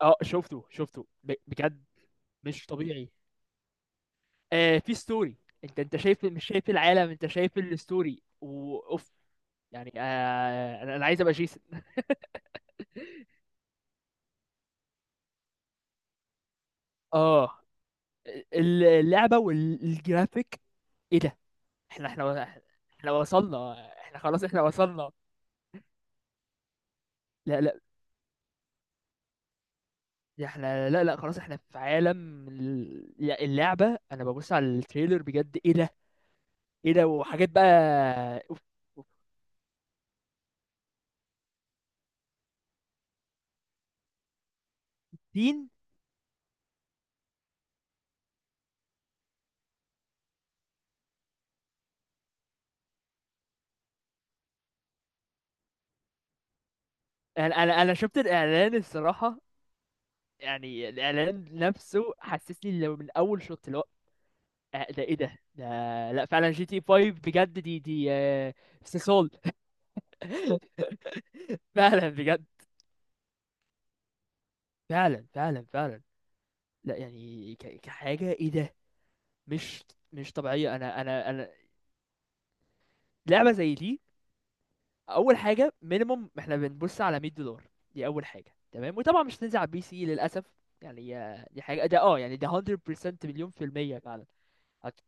اه شفته شفته بجد. مش طبيعي. آه، في ستوري. انت شايف، مش شايف العالم، انت شايف الستوري، واوف. يعني انا عايز ابقى جيسون. اه، اللعبه والجرافيك. ايه ده. احنا احنا وصلنا. احنا خلاص، احنا وصلنا. لا لا، احنا، لا لا، خلاص احنا في عالم اللعبه. انا ببص على التريلر، بجد ايه ده، ايه ده وحاجات بقى. اوف. اوف. تين. انا شفت الاعلان الصراحه. يعني الاعلان نفسه حسسني لو من اول شوط اللي هو، ده ايه ده. لا فعلا، جي تي 5 بجد، دي استثقال. فعلا بجد، فعلا فعلا فعلا. لا يعني، كحاجه، ايه ده. مش مش طبيعيه. انا لعبه زي دي. اول حاجه، مينيموم احنا بنبص على $100. دي اول حاجه. تمام، وطبعا مش هتنزل على البي سي للاسف. يعني دي حاجه ده، يعني ده 100% مليون في المية فعلا. هت-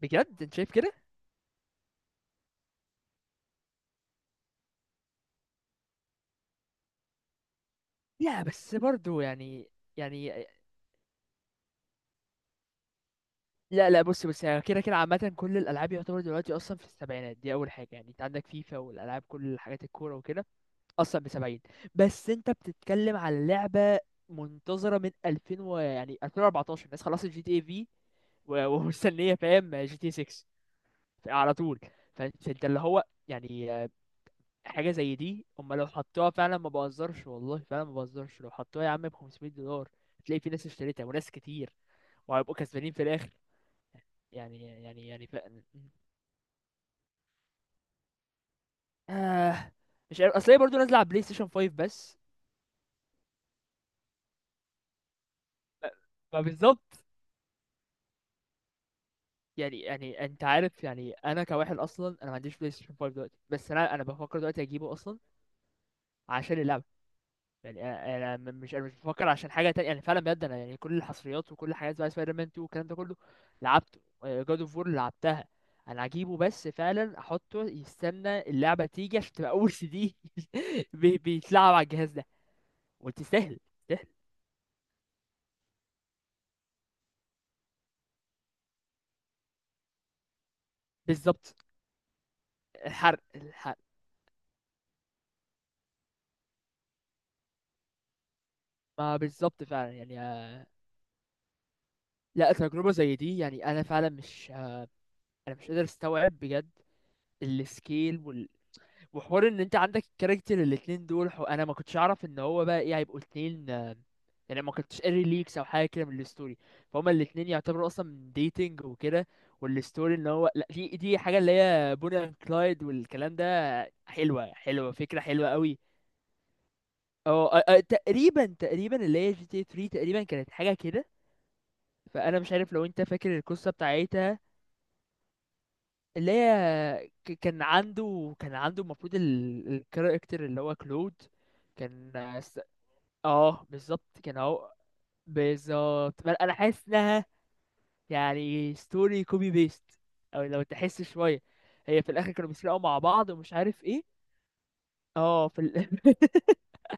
بجد، انت شايف؟ لا بس برضو يعني، يعني لا لا، بص بص، يعني كده كده، عامة كل الألعاب يعتبر دلوقتي أصلا في السبعينات. دي أول حاجة. يعني أنت عندك فيفا والألعاب، كل حاجات الكورة وكده. أصلا بسبعين. بس أنت بتتكلم على لعبة منتظرة من 2000 و، يعني، 2014، الناس خلصت جي تي اي في. ومستنية، فاهم، جي تي 6 على طول. فأنت اللي هو يعني حاجة زي دي. أما لو حطوها فعلا، ما بهزرش والله، فعلا ما بهزرش، لو حطوها يا عم ب $500 هتلاقي في ناس اشتريتها، وناس كتير وهيبقوا كسبانين في الاخر. يعني ف... آه مش عارف، اصل هي برضه نازله على بلاي ستيشن 5 بس. فبالظبط. يعني، انت عارف، يعني انا كواحد اصلا، انا ما عنديش بلاي ستيشن 5 دلوقتي، بس انا بفكر دلوقتي اجيبه اصلا. عشان اللعبه. يعني انا مش، انا مش بفكر عشان حاجه تانية، يعني فعلا بجد، انا يعني كل الحصريات وكل الحاجات بقى سبايدر مان 2 والكلام ده كله. لعبته جاد اوف وور، لعبتها. انا هجيبه بس فعلا احطه يستنى اللعبه تيجي، عشان تبقى اول سي دي بيتلعب على الجهاز ده. قلت يستاهل. يستاهل. بالظبط. الحرق، الحرق. ما بالظبط فعلا يعني لا، تجربة زي دي يعني، انا فعلا مش انا مش قادر استوعب بجد. السكيل وال... وحوار ان انت عندك الكاركتر الاتنين دول، انا ما كنتش اعرف ان هو بقى ايه، هيبقوا اتنين يعني ما كنتش قاري ليكس او حاجه كده من الستوري. فهما الاتنين يعتبروا اصلا من ديتنج وكده. والستوري ان هو، لا، دي حاجه اللي هي بوني اند كلايد والكلام ده. حلوه حلوه، فكره حلوه قوي. اه، تقريبا تقريبا اللي هي جي تي 3 تقريبا كانت حاجه كده. فانا مش عارف لو انت فاكر القصه بتاعتها. اللي هي، كان عنده المفروض الكاركتر اللي هو كلود. كان س- اه، بالظبط، كان اهو. بالظبط. انا حاسس انها يعني ستوري كوبي بيست، او لو تحس شويه، هي في الاخر كانوا بيسرقوا مع بعض ومش عارف ايه. اه، في ال...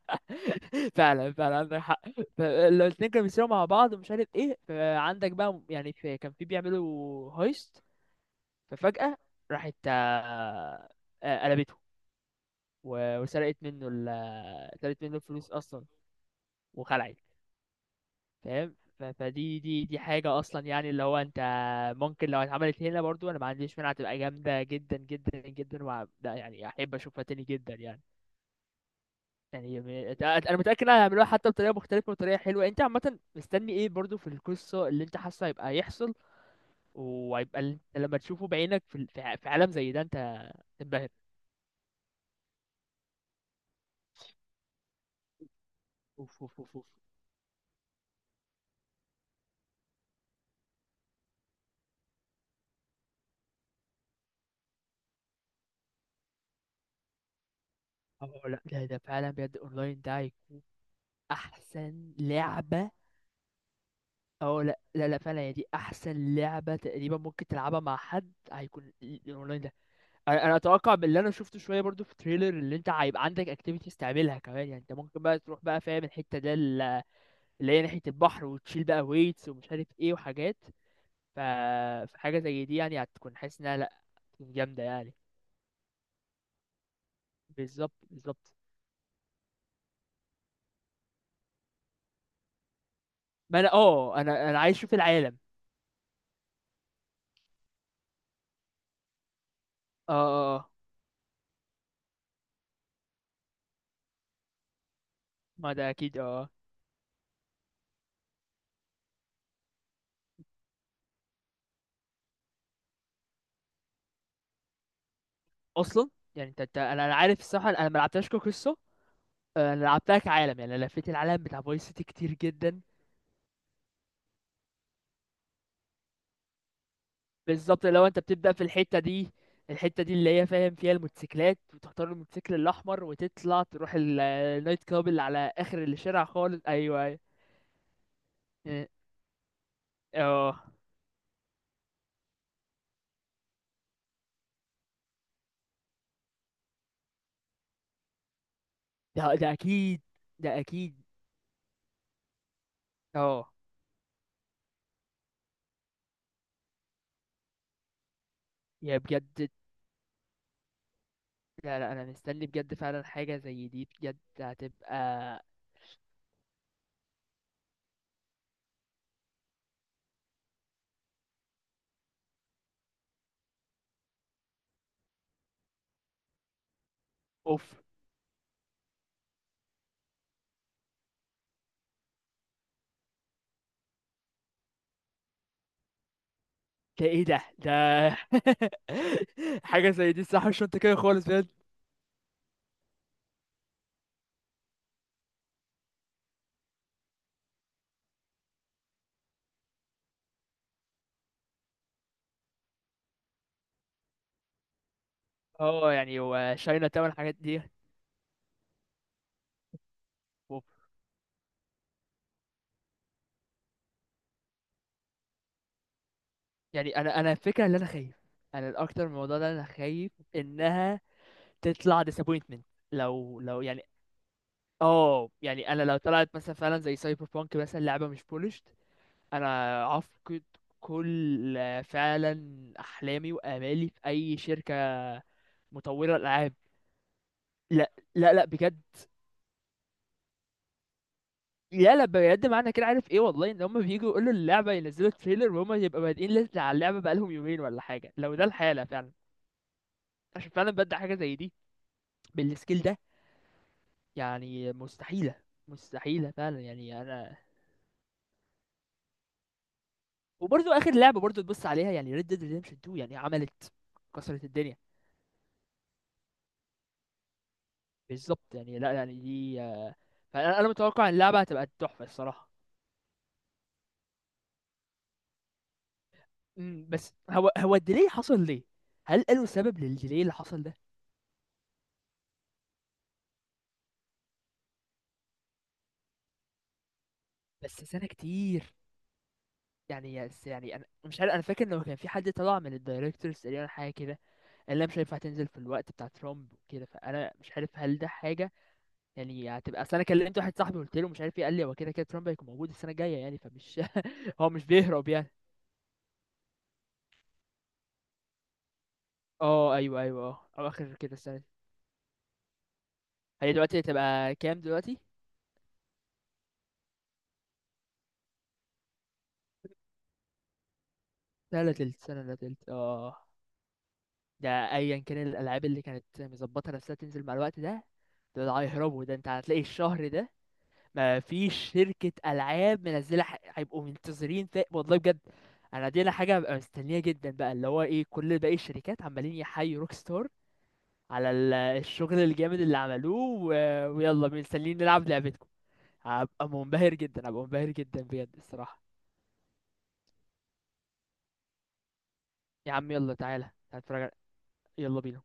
فعلا فعلا، عندك حق. لو الاتنين كانوا بيسرقوا مع بعض ومش عارف ايه، فعندك بقى، يعني في، كان في بيعملوا هايست. ففجأة راحت، قلبته. وسرقت منه سرقت منه الفلوس اصلا وخلعت. فاهم. فدي دي دي حاجة اصلا، يعني اللي هو انت ممكن لو اتعملت هنا برضو، انا ما عنديش مانع، تبقى جامدة جدا جدا جدا لا يعني احب اشوفها تاني جدا يعني. يعني انا متاكد انها هيعملوها حتى بطريقه مختلفه وطريقه حلوه. انت عامه مستني ايه برضو في القصه اللي انت حاسه هيبقى يحصل؟ وهيبقى انت لما تشوفه بعينك في في عالم زي ده، انت تنبهر. اوف، اوف، اوف، اوف. اه لا، ده فعلا بجد اونلاين ده احسن لعبه. اه لا لا لا، فعلا هي دي احسن لعبه تقريبا ممكن تلعبها مع حد، هيكون الاونلاين ده. انا اتوقع باللي انا شفته شويه برضو في تريلر، اللي انت هيبقى عندك اكتيفيتيز تعملها كمان، يعني انت ممكن بقى تروح بقى، فاهم الحته ده، اللي هي ناحية البحر، وتشيل بقى ويتس ومش عارف ايه وحاجات. ف... فحاجة زي دي يعني هتكون، حاسس انها، لأ، هتكون جامدة يعني. بالظبط، بالظبط. ما انا انا عايز اشوف العالم. اه، اه، اه. ما ده اكيد، اه آه. اصلا يعني انت، انا عارف الصراحة، انا ما لعبتهاش كقصة. انا لعبتها كعالم، يعني انا لفيت العالم بتاع فايس سيتي كتير جدا. بالظبط، لو انت بتبدأ في الحتة دي، الحتة دي اللي هي، فاهم، فيها الموتوسيكلات، وتختار الموتوسيكل الأحمر، وتطلع تروح النايت كلاب اللي على آخر الشارع خالص. أيوه. أيوه، اه، ده اكيد، ده اكيد، اه. يا بجد. لا لا، انا مستني بجد، فعلا حاجة زي دي بجد هتبقى اوف. ده، ايه ده. حاجة زي دي، صح؟ مش منطقية خالص بجد. اه، يعني وشاينا تاون الحاجات دي. اوف. يعني انا الفكرة، اللي انا خايف، انا الاكتر من الموضوع ده، انا خايف انها تطلع disappointment. لو يعني، اه يعني انا لو طلعت مثلا فعلا زي سايبر بانك مثلا، لعبة مش بولش، انا افقد كل، فعلا، احلامي وامالي في اي شركه مطوره العاب. لا لا لا بجد. لا لا بجد، معنى كده، عارف ايه والله، ان هم بييجوا يقولوا اللعبه ينزلوا تريلر وهم يبقى بادئين لسه على اللعبه بقالهم يومين ولا حاجه، لو ده الحاله فعلا. عشان فعلا بدأ حاجه زي دي بالسكيل ده، يعني مستحيله. مستحيله فعلا يعني انا. وبرضه اخر لعبه برضه تبص عليها، يعني Red Dead Redemption 2، يعني عملت، كسرت الدنيا. بالظبط، يعني لا يعني دي فانا متوقع اللعبه هتبقى تحفه الصراحه. بس هو الديلي حصل ليه؟ هل قالوا سبب للديلي اللي حصل ده؟ بس سنه كتير. يعني يعني انا مش عارف، انا فاكر لو كان في حد طلع من الدايركتورز تقريبا حاجه كده، قال لها مش هينفع تنزل في الوقت بتاع ترامب وكده، فانا مش عارف هل ده حاجه؟ يعني هتبقى، اصل انا كلمت واحد صاحبي، قلت له مش عارف ايه، قال لي هو كده كده ترامب هيكون موجود السنه الجايه، يعني فمش هو مش بيهرب يعني. اه، ايوه ايوه، اه، او اخر كده السنه دي. هي دلوقتي هتبقى كام دلوقتي؟ لا لا تلت سنة، لا تلت، اه. ده، ايا كان، الالعاب اللي كانت مظبطة نفسها تنزل مع الوقت ده، ده هيهربوا، ده انت هتلاقي الشهر ده ما فيش شركة العاب منزلة، هيبقوا منتظرين والله بجد. انا دي، انا حاجة هبقى مستنيها جدا بقى، اللي هو ايه كل باقي الشركات عمالين يحيوا روك ستار على الشغل الجامد اللي عملوه. و... ويلا، مستنيين نلعب لعبتكم. هبقى منبهر جدا، هبقى منبهر جدا بجد الصراحة. يا عم يلا، تعالى تعالى نتفرج على- يلا بينا.